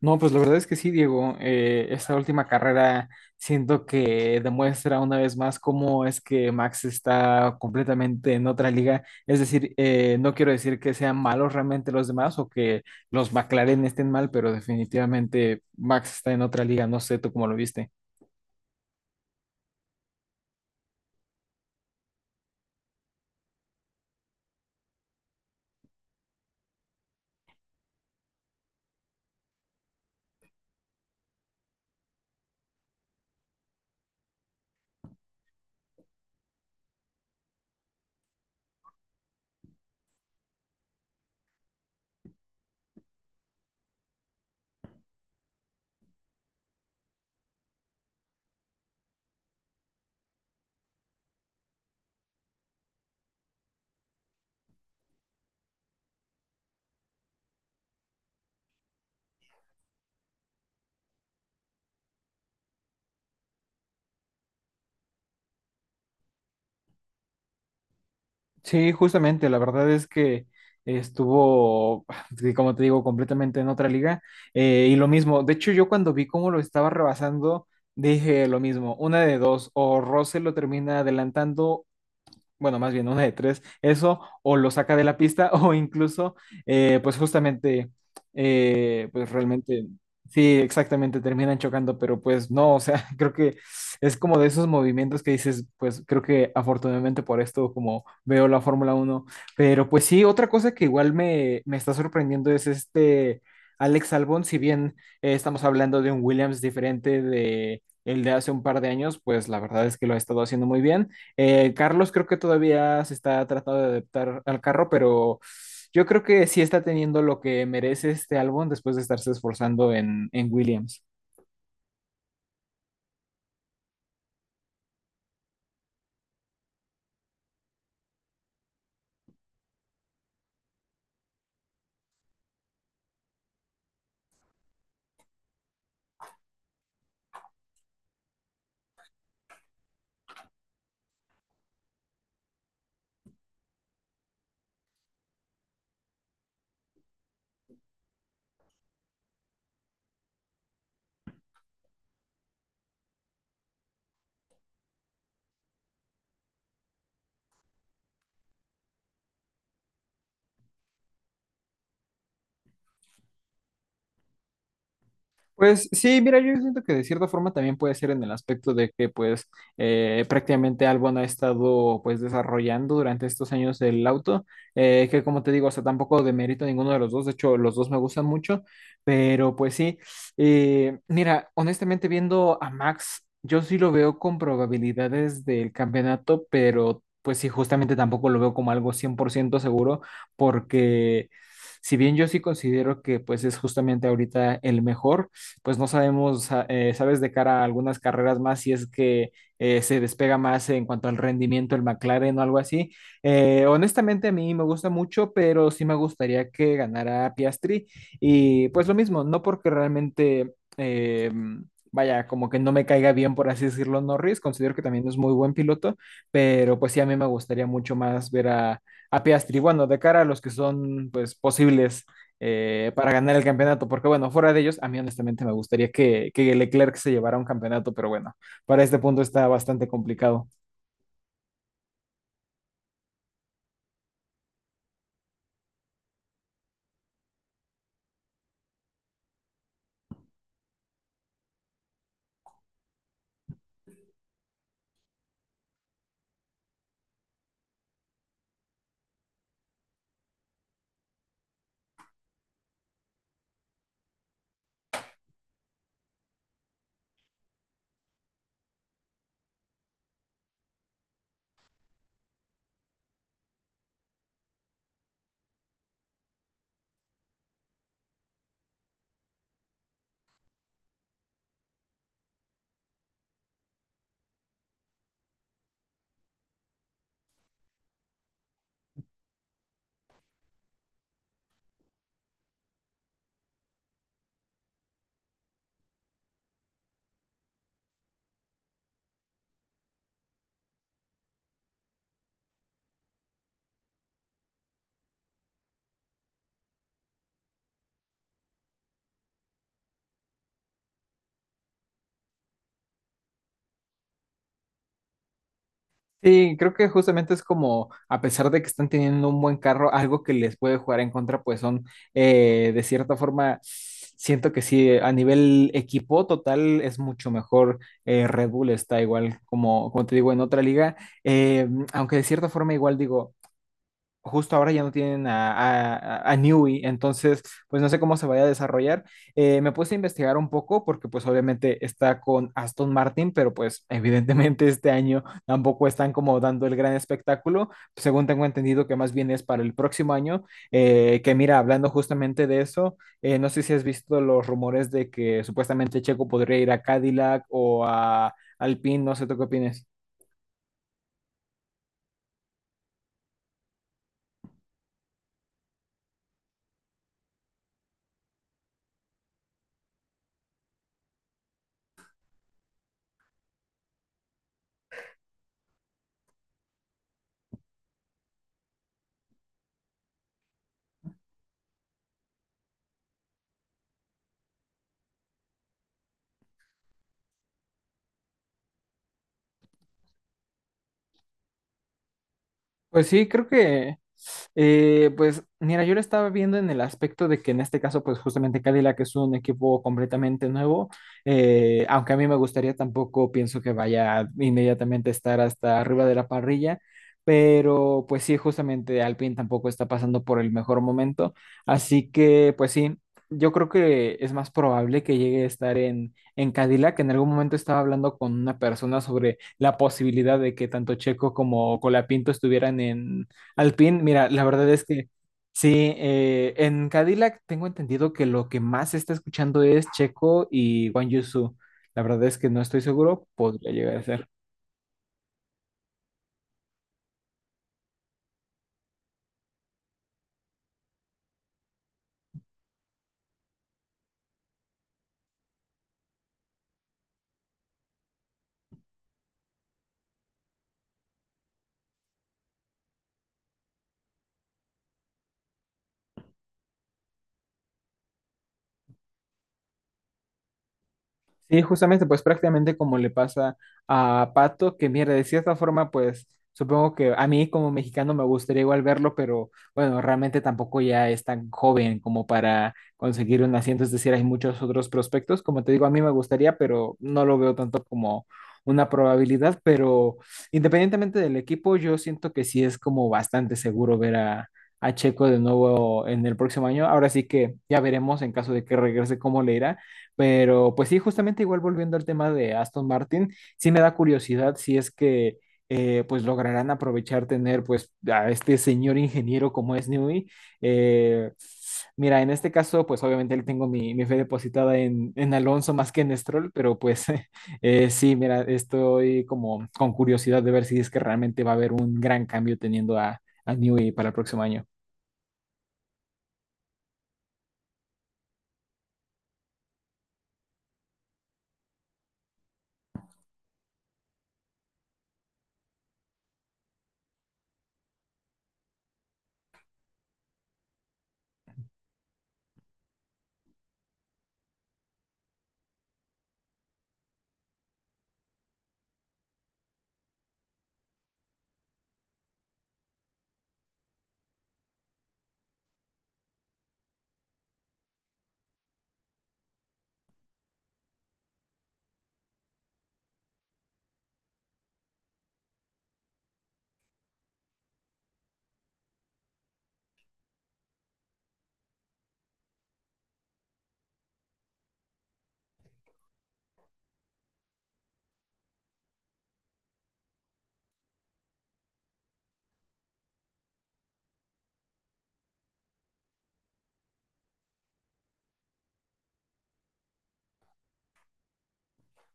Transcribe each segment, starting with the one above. No, pues la verdad es que sí, Diego. Esta última carrera siento que demuestra una vez más cómo es que Max está completamente en otra liga. Es decir, no quiero decir que sean malos realmente los demás o que los McLaren estén mal, pero definitivamente Max está en otra liga. No sé tú cómo lo viste. Sí, justamente, la verdad es que estuvo, sí, como te digo, completamente en otra liga. Y lo mismo, de hecho yo cuando vi cómo lo estaba rebasando, dije lo mismo, una de dos, o Russell lo termina adelantando, bueno, más bien una de tres, eso o lo saca de la pista o incluso, eh, pues justamente, eh, pues realmente, sí, exactamente, terminan chocando, pero pues no, o sea, creo que es como de esos movimientos que dices, pues creo que afortunadamente por esto, como veo la Fórmula uno. Pero pues sí, otra cosa que igual me está sorprendiendo es este Alex Albon. Si bien estamos hablando de un Williams diferente de El de hace un par de años, pues la verdad es que lo ha estado haciendo muy bien. Carlos creo que todavía se está tratando de adaptar al carro, pero yo creo que sí está teniendo lo que merece este álbum después de estarse esforzando en Williams. Pues sí, mira, yo siento que de cierta forma también puede ser en el aspecto de que pues prácticamente Albon ha estado pues desarrollando durante estos años el auto, que como te digo, o sea, tampoco demerito a ninguno de los dos, de hecho los dos me gustan mucho, pero pues sí, mira, honestamente viendo a Max, yo sí lo veo con probabilidades del campeonato, pero pues sí, justamente tampoco lo veo como algo 100% seguro porque Si bien yo sí considero que pues es justamente ahorita el mejor, pues no sabemos, ah, sabes, de cara a algunas carreras más, si es que se despega más en cuanto al rendimiento el McLaren o algo así. Honestamente, a mí me gusta mucho, pero sí me gustaría que ganara Piastri. Y pues lo mismo, no porque realmente vaya, como que no me caiga bien, por así decirlo, Norris. Considero que también es muy buen piloto, pero pues sí, a mí me gustaría mucho más ver a Piastri. Bueno, de cara a los que son, pues, posibles para ganar el campeonato, porque bueno, fuera de ellos, a mí honestamente me gustaría que Leclerc se llevara un campeonato, pero bueno, para este punto está bastante complicado. Sí, creo que justamente es como, a pesar de que están teniendo un buen carro, algo que les puede jugar en contra, pues son, de cierta forma, siento que sí, a nivel equipo total es mucho mejor. Red Bull está igual, como, como te digo, en otra liga, aunque de cierta forma igual digo, justo ahora ya no tienen a Newey, entonces pues no sé cómo se vaya a desarrollar. Me puse a investigar un poco porque pues obviamente está con Aston Martin, pero pues evidentemente este año tampoco están como dando el gran espectáculo, según tengo entendido que más bien es para el próximo año, que mira, hablando justamente de eso, no sé si has visto los rumores de que supuestamente Checo podría ir a Cadillac o a Alpine, no sé, ¿tú qué opinas? Pues sí, creo que pues mira, yo lo estaba viendo en el aspecto de que en este caso, pues justamente Cadillac es un equipo completamente nuevo, aunque a mí me gustaría tampoco, pienso que vaya inmediatamente a estar hasta arriba de la parrilla, pero pues sí, justamente Alpine tampoco está pasando por el mejor momento, así que pues sí, yo creo que es más probable que llegue a estar en Cadillac. En algún momento estaba hablando con una persona sobre la posibilidad de que tanto Checo como Colapinto estuvieran en Alpine, mira, la verdad es que sí, en Cadillac tengo entendido que lo que más se está escuchando es Checo y Guan Yu Zhou. La verdad es que no estoy seguro, podría llegar a ser. Sí, justamente, pues prácticamente como le pasa a Pato, que mira, de cierta forma, pues supongo que a mí como mexicano me gustaría igual verlo, pero bueno, realmente tampoco ya es tan joven como para conseguir un asiento, es decir, hay muchos otros prospectos, como te digo, a mí me gustaría, pero no lo veo tanto como una probabilidad, pero independientemente del equipo, yo siento que sí es como bastante seguro ver a Checo de nuevo en el próximo año, ahora sí que ya veremos en caso de que regrese cómo le irá. Pero pues sí, justamente igual volviendo al tema de Aston Martin, sí me da curiosidad si es que pues lograrán aprovechar tener pues a este señor ingeniero como es Newey. Eh, Mira, en este caso pues obviamente él tengo mi fe depositada en Alonso más que en Stroll, pero pues sí, mira, estoy como con curiosidad de ver si es que realmente va a haber un gran cambio teniendo a Newey para el próximo año.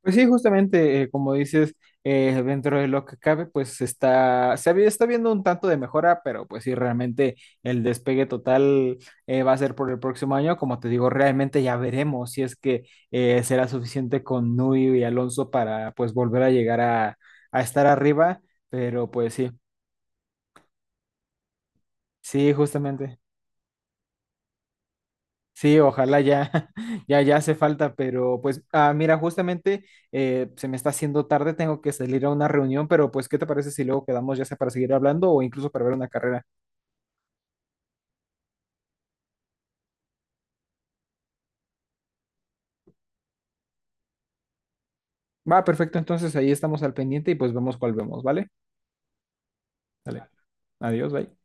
Pues sí, justamente, como dices, dentro de lo que cabe, pues está viendo un tanto de mejora, pero pues sí, realmente el despegue total va a ser por el próximo año. Como te digo, realmente ya veremos si es que será suficiente con Nui y Alonso para pues volver a llegar a estar arriba, pero pues sí, sí, justamente. Sí, ojalá ya, ya, ya hace falta, pero pues, ah, mira, justamente se me está haciendo tarde, tengo que salir a una reunión, pero pues, ¿qué te parece si luego quedamos ya sea para seguir hablando o incluso para ver una carrera? Va, perfecto, entonces ahí estamos al pendiente y pues vemos cuál vemos, ¿vale? Dale, adiós, bye.